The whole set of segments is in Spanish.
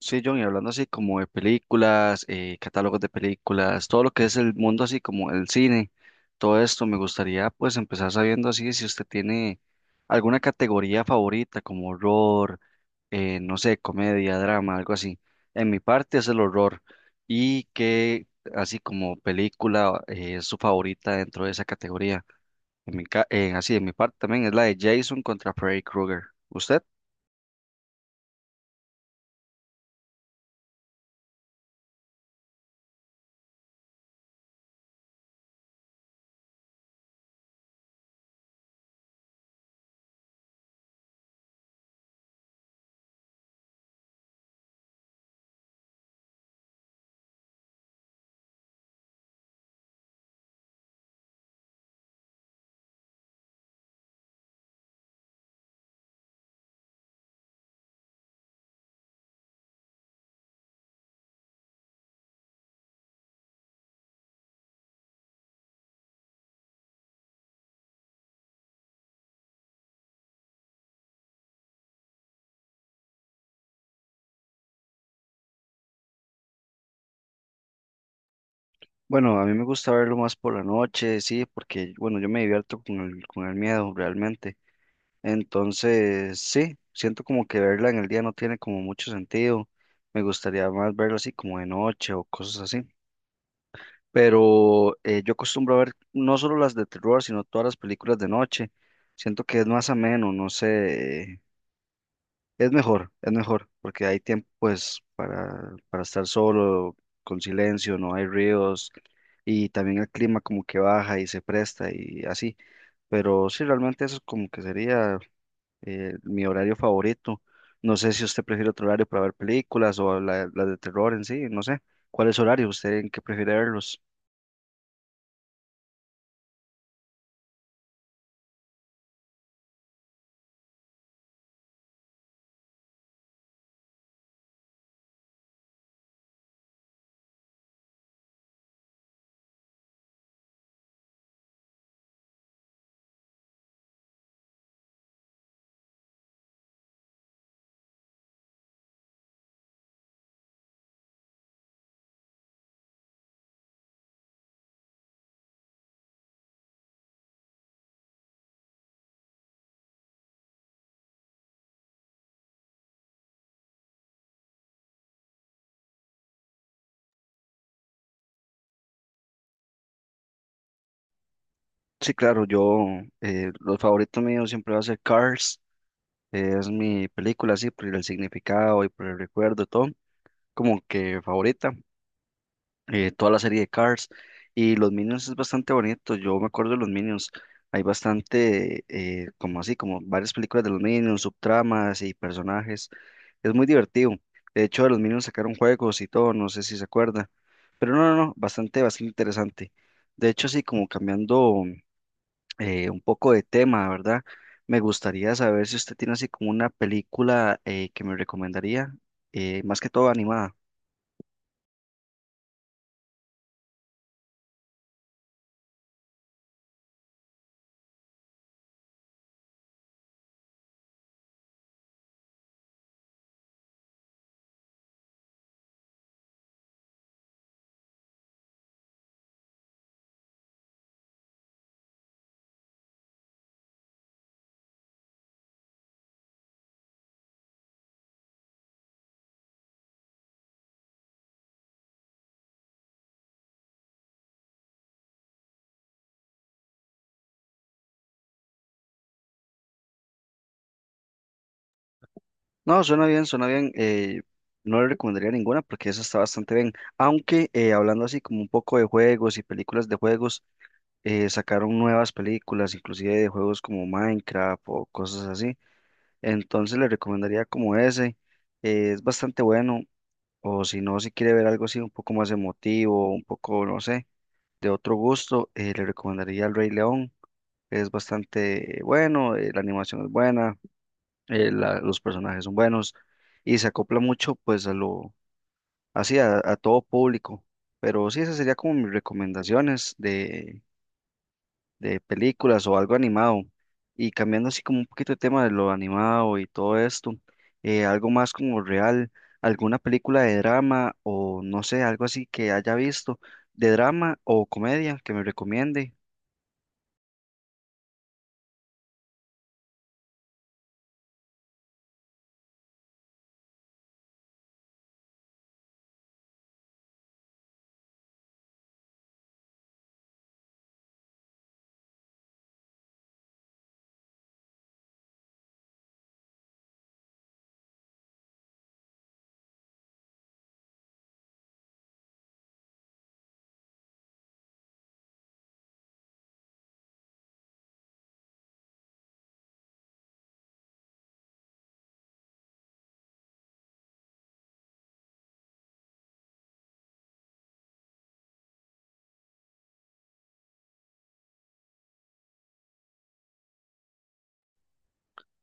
Sí, John, y hablando así como de películas, catálogos de películas, todo lo que es el mundo así como el cine, todo esto me gustaría pues empezar sabiendo así si usted tiene alguna categoría favorita como horror, no sé, comedia, drama, algo así. En mi parte es el horror y que así como película es su favorita dentro de esa categoría. Así en mi parte también es la de Jason contra Freddy Krueger. ¿Usted? Bueno, a mí me gusta verlo más por la noche, sí, porque, bueno, yo me divierto con con el miedo realmente. Entonces, sí, siento como que verla en el día no tiene como mucho sentido. Me gustaría más verlo así como de noche o cosas así. Pero yo acostumbro a ver no solo las de terror, sino todas las películas de noche. Siento que es más ameno, no sé, es mejor, porque hay tiempo pues para estar solo, con silencio, no hay ríos y también el clima como que baja y se presta y así. Pero sí, realmente eso como que sería mi horario favorito. No sé si usted prefiere otro horario para ver películas o las de terror en sí, no sé. ¿Cuál es su horario? ¿Usted en qué prefiere verlos? Sí, claro, yo, los favoritos míos siempre va a ser Cars, es mi película así, por el significado y por el recuerdo y todo. Como que favorita, toda la serie de Cars y los Minions es bastante bonito, yo me acuerdo de los Minions, hay bastante, como así, como varias películas de los Minions, subtramas y personajes, es muy divertido, de hecho de los Minions sacaron juegos y todo, no sé si se acuerda, pero no, no, no, bastante, bastante interesante, de hecho así como cambiando un poco de tema, ¿verdad? Me gustaría saber si usted tiene así como una película que me recomendaría, más que todo animada. No, suena bien, suena bien. No le recomendaría ninguna porque esa está bastante bien. Aunque hablando así como un poco de juegos y películas de juegos, sacaron nuevas películas, inclusive de juegos como Minecraft o cosas así. Entonces le recomendaría como ese. Es bastante bueno. O si no, si quiere ver algo así un poco más emotivo, un poco, no sé, de otro gusto, le recomendaría El Rey León. Es bastante bueno, la animación es buena los personajes son buenos y se acopla mucho pues a lo, así a todo público. Pero sí, esas serían como mis recomendaciones de películas o algo animado. Y cambiando así como un poquito de tema de lo animado y todo esto, algo más como real, alguna película de drama o no sé, algo así que haya visto de drama o comedia que me recomiende.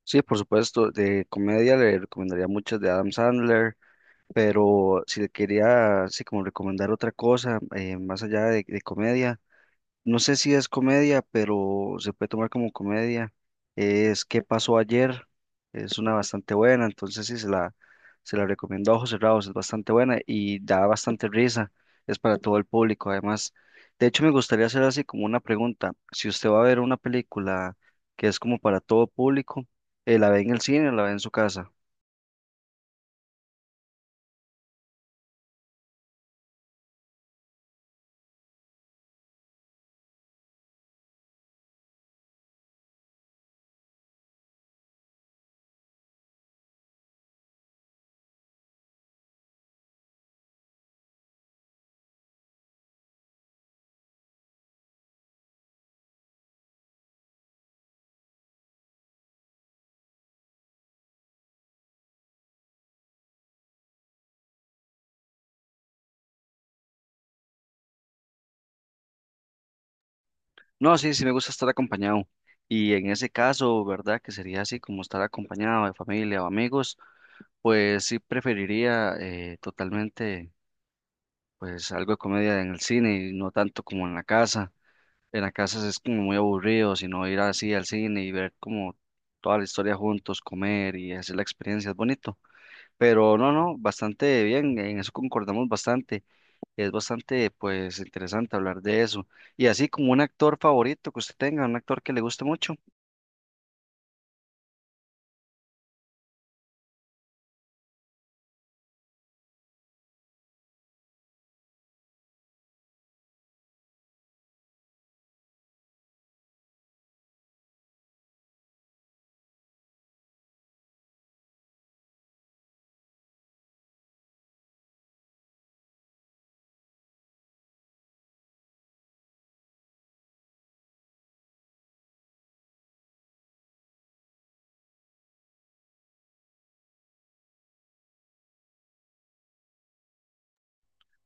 Sí, por supuesto, de comedia le recomendaría muchas de Adam Sandler, pero si le quería así como recomendar otra cosa, más allá de comedia, no sé si es comedia, pero se puede tomar como comedia, es ¿Qué pasó ayer? Es una bastante buena, entonces se la recomiendo a ojos cerrados, es bastante buena y da bastante risa, es para todo el público además. De hecho, me gustaría hacer así como una pregunta, si usted va a ver una película que es como para todo público, ¿la ve en el cine o la ve en su casa? No, sí, sí me gusta estar acompañado. Y en ese caso, ¿verdad? Que sería así como estar acompañado de familia o amigos, pues sí preferiría totalmente pues algo de comedia en el cine y no tanto como en la casa. En la casa es como muy aburrido, sino ir así al cine y ver como toda la historia juntos, comer y hacer la experiencia, es bonito. Pero no, no, bastante bien, en eso concordamos bastante. Es bastante pues interesante hablar de eso. Y así como un actor favorito que usted tenga, un actor que le guste mucho.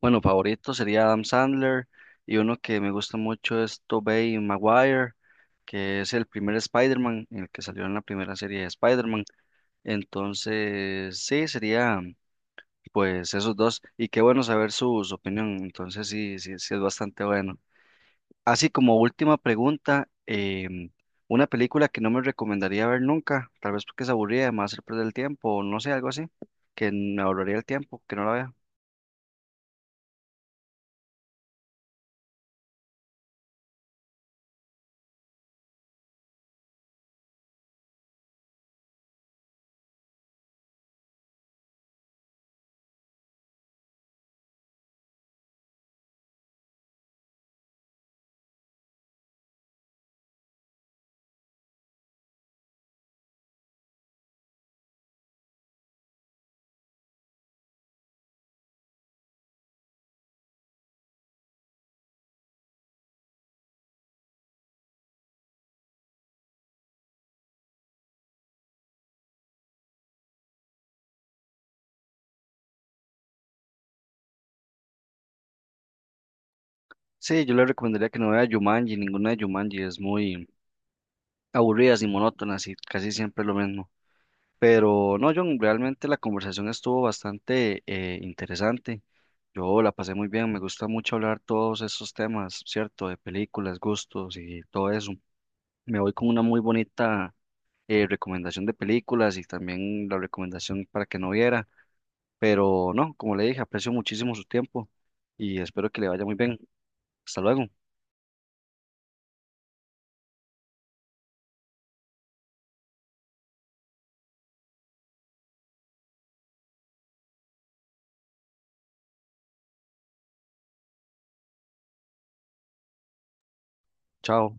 Bueno, favorito sería Adam Sandler y uno que me gusta mucho es Tobey Maguire, que es el primer Spider-Man, el que salió en la primera serie de Spider-Man. Entonces, sí, sería pues esos dos. Y qué bueno saber su opinión. Entonces, sí, sí, sí es bastante bueno. Así como última pregunta, una película que no me recomendaría ver nunca, tal vez porque es aburrida, además hacer perder el tiempo o no sé, algo así, que me ahorraría el tiempo, que no la vea. Sí, yo le recomendaría que no vea Jumanji, ninguna de Jumanji, es muy aburridas y monótonas y casi siempre es lo mismo. Pero no, John, realmente la conversación estuvo bastante interesante. Yo la pasé muy bien, me gusta mucho hablar todos esos temas, ¿cierto? De películas, gustos y todo eso. Me voy con una muy bonita recomendación de películas y también la recomendación para que no viera. Pero no, como le dije, aprecio muchísimo su tiempo y espero que le vaya muy bien. Hasta luego, chao.